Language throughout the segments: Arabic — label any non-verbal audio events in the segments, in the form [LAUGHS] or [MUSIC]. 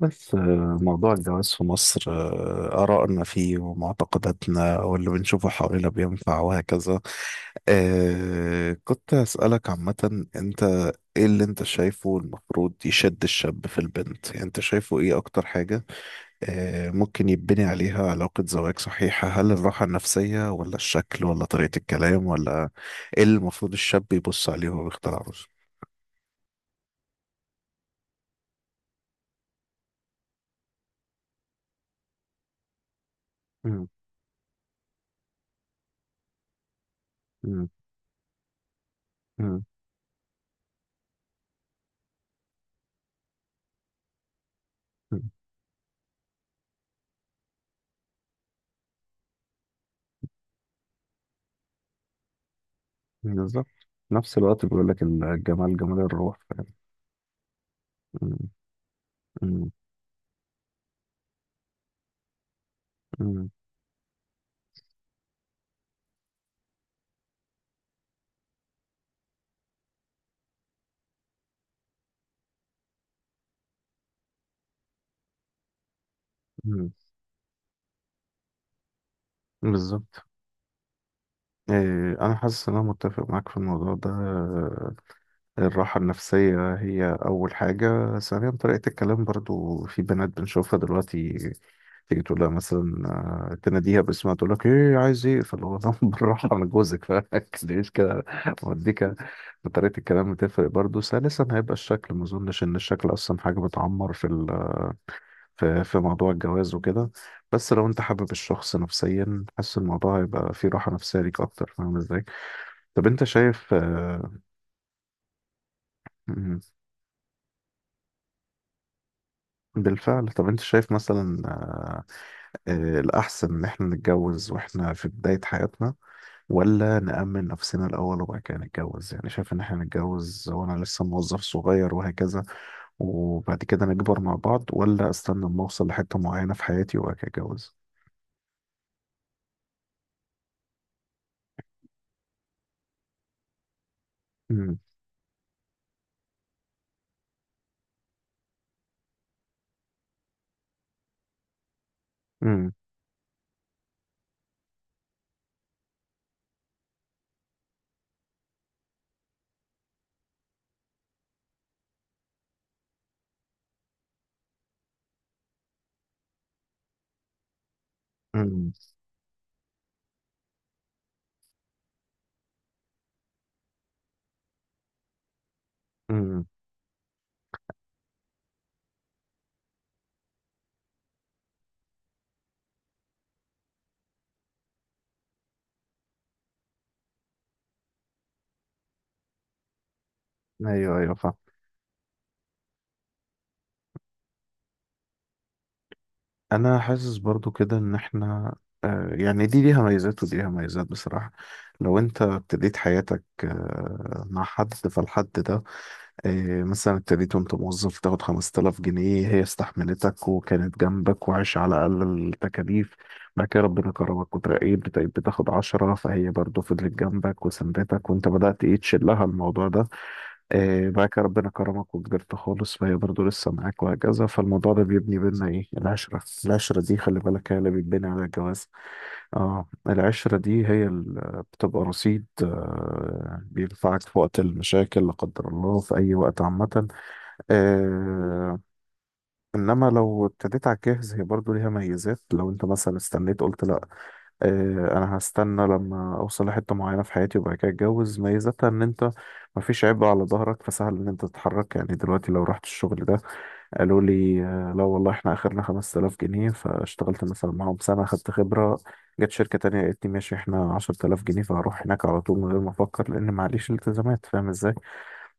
بس موضوع الجواز في مصر، آرائنا فيه ومعتقداتنا واللي بنشوفه حوالينا بينفع وهكذا. كنت أسألك عامة، أنت إيه اللي أنت شايفه المفروض يشد الشاب في البنت؟ يعني أنت شايفه إيه أكتر حاجة ممكن يبني عليها علاقة زواج صحيحة؟ هل الراحة النفسية ولا الشكل ولا طريقة الكلام ولا إيه اللي المفروض الشاب يبص عليه وهو بيختار عروسه؟ مم. مم. مم. مم. بالظبط، نفس الوقت بيقول لك الجمال جمال الروح، فاهم. مم. مم. مم. مم. بالظبط. إيه، أنا حاسس إن أنا متفق معاك في الموضوع ده. الراحة النفسية هي أول حاجة، ثانيا طريقة الكلام، برضو في بنات بنشوفها دلوقتي تيجي تقول لها مثلا، تناديها باسمها تقول لك إيه عايز إيه، فاللي هو [LAUGHS] طب بالراحة أنا جوزك فليش [LAUGHS] كده موديك. طريقة الكلام بتفرق برضو. ثالثا هيبقى الشكل، ما أظنش إن الشكل أصلا حاجة بتعمر في موضوع الجواز وكده. بس لو انت حابب الشخص نفسيا حاسس الموضوع هيبقى فيه راحة نفسية ليك اكتر، فاهم ازاي؟ طب انت شايف، مم، بالفعل. طب انت شايف مثلا، الاحسن ان احنا نتجوز واحنا في بداية حياتنا ولا نأمن نفسنا الاول وبعد كده نتجوز؟ يعني شايف ان احنا نتجوز وانا لسه موظف صغير وهكذا وبعد كده نكبر مع بعض، ولا استنى اما اوصل لحتة معينة في حياتي وبعد كده اتجوز؟ مم. مم. مم. مم. ايوه، ايوه. انا حاسس برضو كده ان احنا، يعني دي ليها ميزات ودي ليها ميزات بصراحة. لو انت ابتديت حياتك، مع حد، فالحد ده، مثلا ابتديت وانت موظف تاخد 5000 جنيه، هي استحملتك وكانت جنبك وعايش على اقل التكاليف. بعد كده ربنا كرمك وترقيت بتبقى بتاخد 10، فهي برضو فضلت جنبك وسندتك، وانت بدأت ايه، تشيل لها الموضوع ده. إيه، بعد كده ربنا كرمك وكبرت خالص، فهي برضه لسه معاك وهكذا. فالموضوع ده بيبني بينا ايه، العشرة. العشرة دي خلي بالك هي اللي بيتبني على الجواز. اه، العشرة دي هي اللي بتبقى رصيد بينفعك في وقت المشاكل لا قدر الله، في أي وقت عامة. آه انما لو ابتديت على الجاهز، هي برضه ليها ميزات. لو انت مثلا استنيت قلت لا، انا هستنى لما اوصل لحته معينه في حياتي وبعد كده اتجوز، ميزتها ان انت مفيش عبء على ظهرك، فسهل ان انت تتحرك. يعني دلوقتي لو رحت الشغل ده قالوا لي، لا والله احنا اخرنا 5000 جنيه، فاشتغلت مثلا معاهم سنه خدت خبره، جت شركه تانية قالت لي ماشي احنا 10000 جنيه، فهروح هناك على طول من غير ما افكر، لان معليش التزامات، فاهم ازاي؟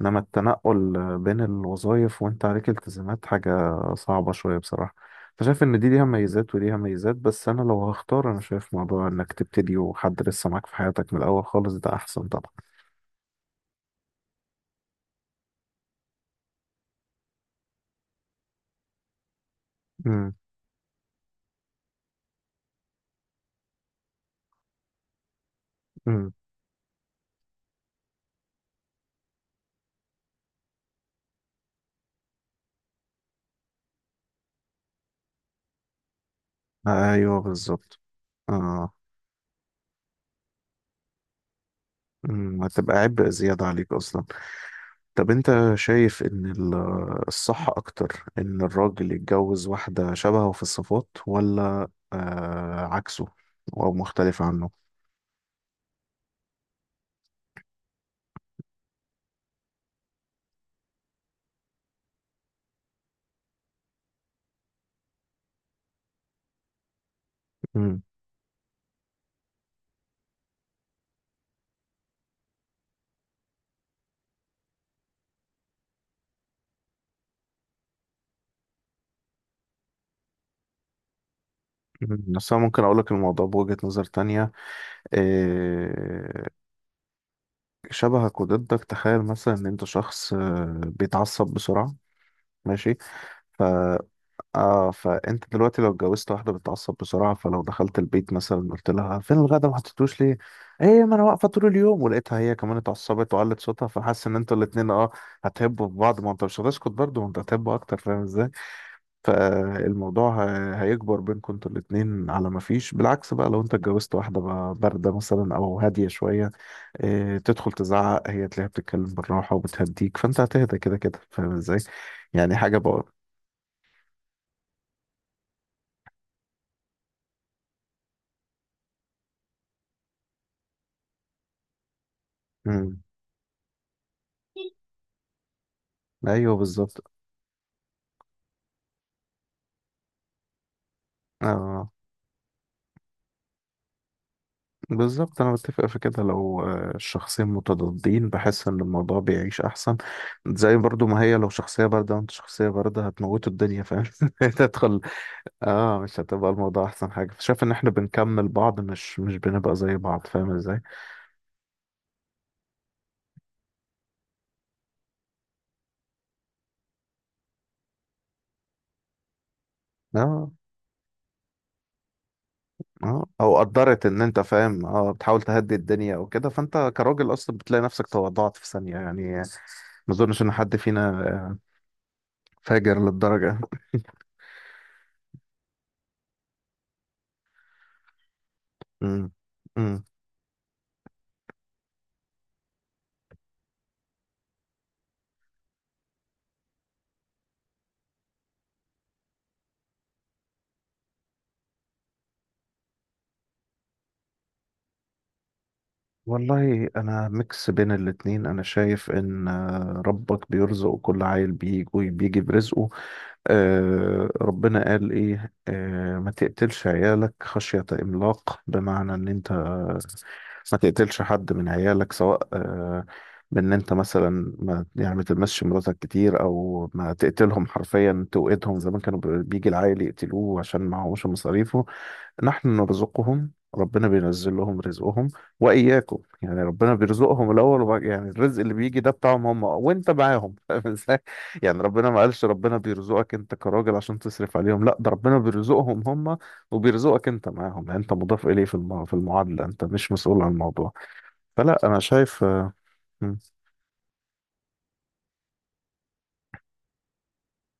انما التنقل بين الوظائف وانت عليك التزامات حاجة صعبة شوية بصراحة. فشايف ان دي ليها ميزات وليها ميزات، بس انا لو هختار انا شايف موضوع انك تبتدي وحد لسه معاك في حياتك من الاول خالص ده احسن طبعا. امم، امم. ايوه بالظبط. اه. امم، هتبقى عبء زيادة عليك اصلا. طب انت شايف ان الصح اكتر ان الراجل يتجوز واحدة شبهه في الصفات، ولا عكسه او مختلف عنه؟ مم. بس أنا ممكن أقولك الموضوع بوجهة نظر تانية. إيه، شبهك وضدك. تخيل مثلا إن أنت شخص، بيتعصب بسرعة، ماشي، ف... فأنت دلوقتي لو اتجوزت واحدة بتتعصب بسرعة، فلو دخلت البيت مثلا قلت لها فين الغدا، ما حطيتوش ليه؟ إيه، ما أنا واقفة طول اليوم، ولقيتها هي كمان اتعصبت وعلت صوتها، فحاسس إن أنتوا الاتنين هتحبوا في بعض، ما أنت مش هتسكت برضه، ما أنت هتحبوا أكتر، فاهم؟ فالموضوع هيكبر بينكم انتوا الاتنين على ما فيش. بالعكس بقى، لو انت اتجوزت واحدة بقى باردة مثلا او هادية شوية، اه تدخل تزعق هي تلاقيها بتتكلم بالراحة وبتهديك، فانت هتهدى كده كده، فاهم ازاي؟ يعني حاجة بقى. مم. ايوه بالظبط. اه بالظبط، انا بتفق في كده. لو الشخصين متضادين بحس ان الموضوع بيعيش احسن. زي برضو ما هي لو شخصية باردة وانت شخصية باردة هتموتوا الدنيا، فاهم، [LAUGHS] تدخل اه، مش هتبقى الموضوع احسن حاجه. فشايف ان احنا بنكمل بعض، مش بنبقى زي بعض، فاهم ازاي؟ اه، اه، او قدرت ان انت، فاهم، بتحاول تهدي الدنيا او كده، فانت كراجل اصلا بتلاقي نفسك تواضعت في ثانيه يعني. ما اظنش ان حد فينا، فاجر للدرجه. امم، امم. والله انا ميكس بين الاتنين، انا شايف ان، ربك بيرزق كل عيل، بيجي وبيجي برزقه. ربنا قال ايه، ما تقتلش عيالك خشية املاق، بمعنى ان انت ما تقتلش حد من عيالك، سواء بان انت مثلا ما، يعني ما تلمسش مراتك كتير، او ما تقتلهم حرفيا توقدهم، زمان كانوا بيجي العائل يقتلوه عشان معهوش مصاريفه. نحن نرزقهم، ربنا بينزل لهم رزقهم وإياكم، يعني ربنا بيرزقهم الأول، وبعد يعني الرزق اللي بيجي ده بتاعهم هم وأنت معاهم، [LAUGHS] فاهم إزاي؟ يعني ربنا ما قالش ربنا بيرزقك أنت كراجل عشان تصرف عليهم، لا ده ربنا بيرزقهم هم وبيرزقك أنت معاهم، يعني أنت مضاف إليه في المعادلة، أنت مش مسؤول عن الموضوع. فلا، أنا شايف، مم.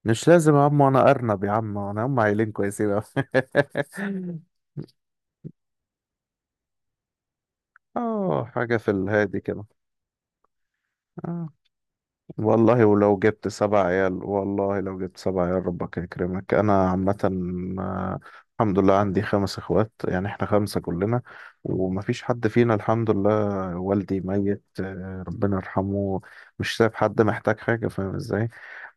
مش لازم يا عم، أنا أرنب يا عم، أنا هم عيلين كويسين أوي. [LAUGHS] حاجة في الهادي كده. آه. والله ولو جبت سبع عيال، والله لو جبت سبع عيال ربك يكرمك، انا عامة، آه، الحمد لله عندي خمس اخوات، يعني احنا خمسة كلنا، ومفيش حد فينا الحمد لله. والدي ميت، ربنا يرحمه، مش سايب حد محتاج حاجة، فاهم ازاي؟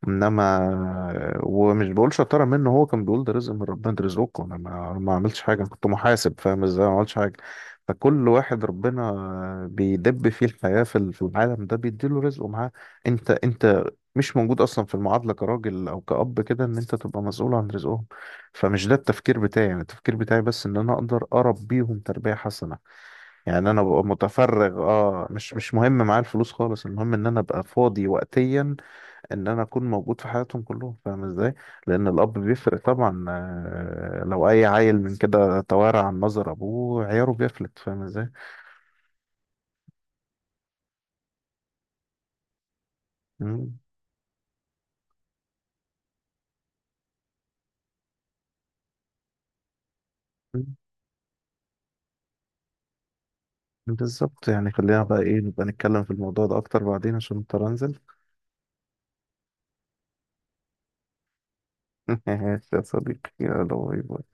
انما، ومش بقول شطارة منه، هو كان بيقول ده رزق من ربنا، ده رزقكم، انا ما عملتش حاجة، أنا كنت محاسب، فاهم ازاي؟ ما عملتش حاجة، فكل واحد ربنا، بيدب فيه الحياة في العالم ده بيديله رزقه معاه. انت مش موجود اصلا في المعادله كراجل او كأب كده، ان انت تبقى مسؤول عن رزقهم. فمش ده التفكير بتاعي، يعني التفكير بتاعي بس ان انا اقدر اربيهم تربيه حسنه، يعني انا ببقى متفرغ، اه، مش مهم معايا الفلوس خالص، المهم ان انا ابقى فاضي وقتيا، ان انا اكون موجود في حياتهم كلهم، فاهم ازاي؟ لان الاب بيفرق طبعا، لو اي عيل من كده توارى عن نظر ابوه عياره بيفلت، فاهم ازاي؟ مم. بالظبط. يعني خلينا بقى ايه، نبقى نتكلم في الموضوع ده اكتر بعدين عشان اضطر انزل. [LAUGHS] ماشي يا صديقي، يلا، باي باي.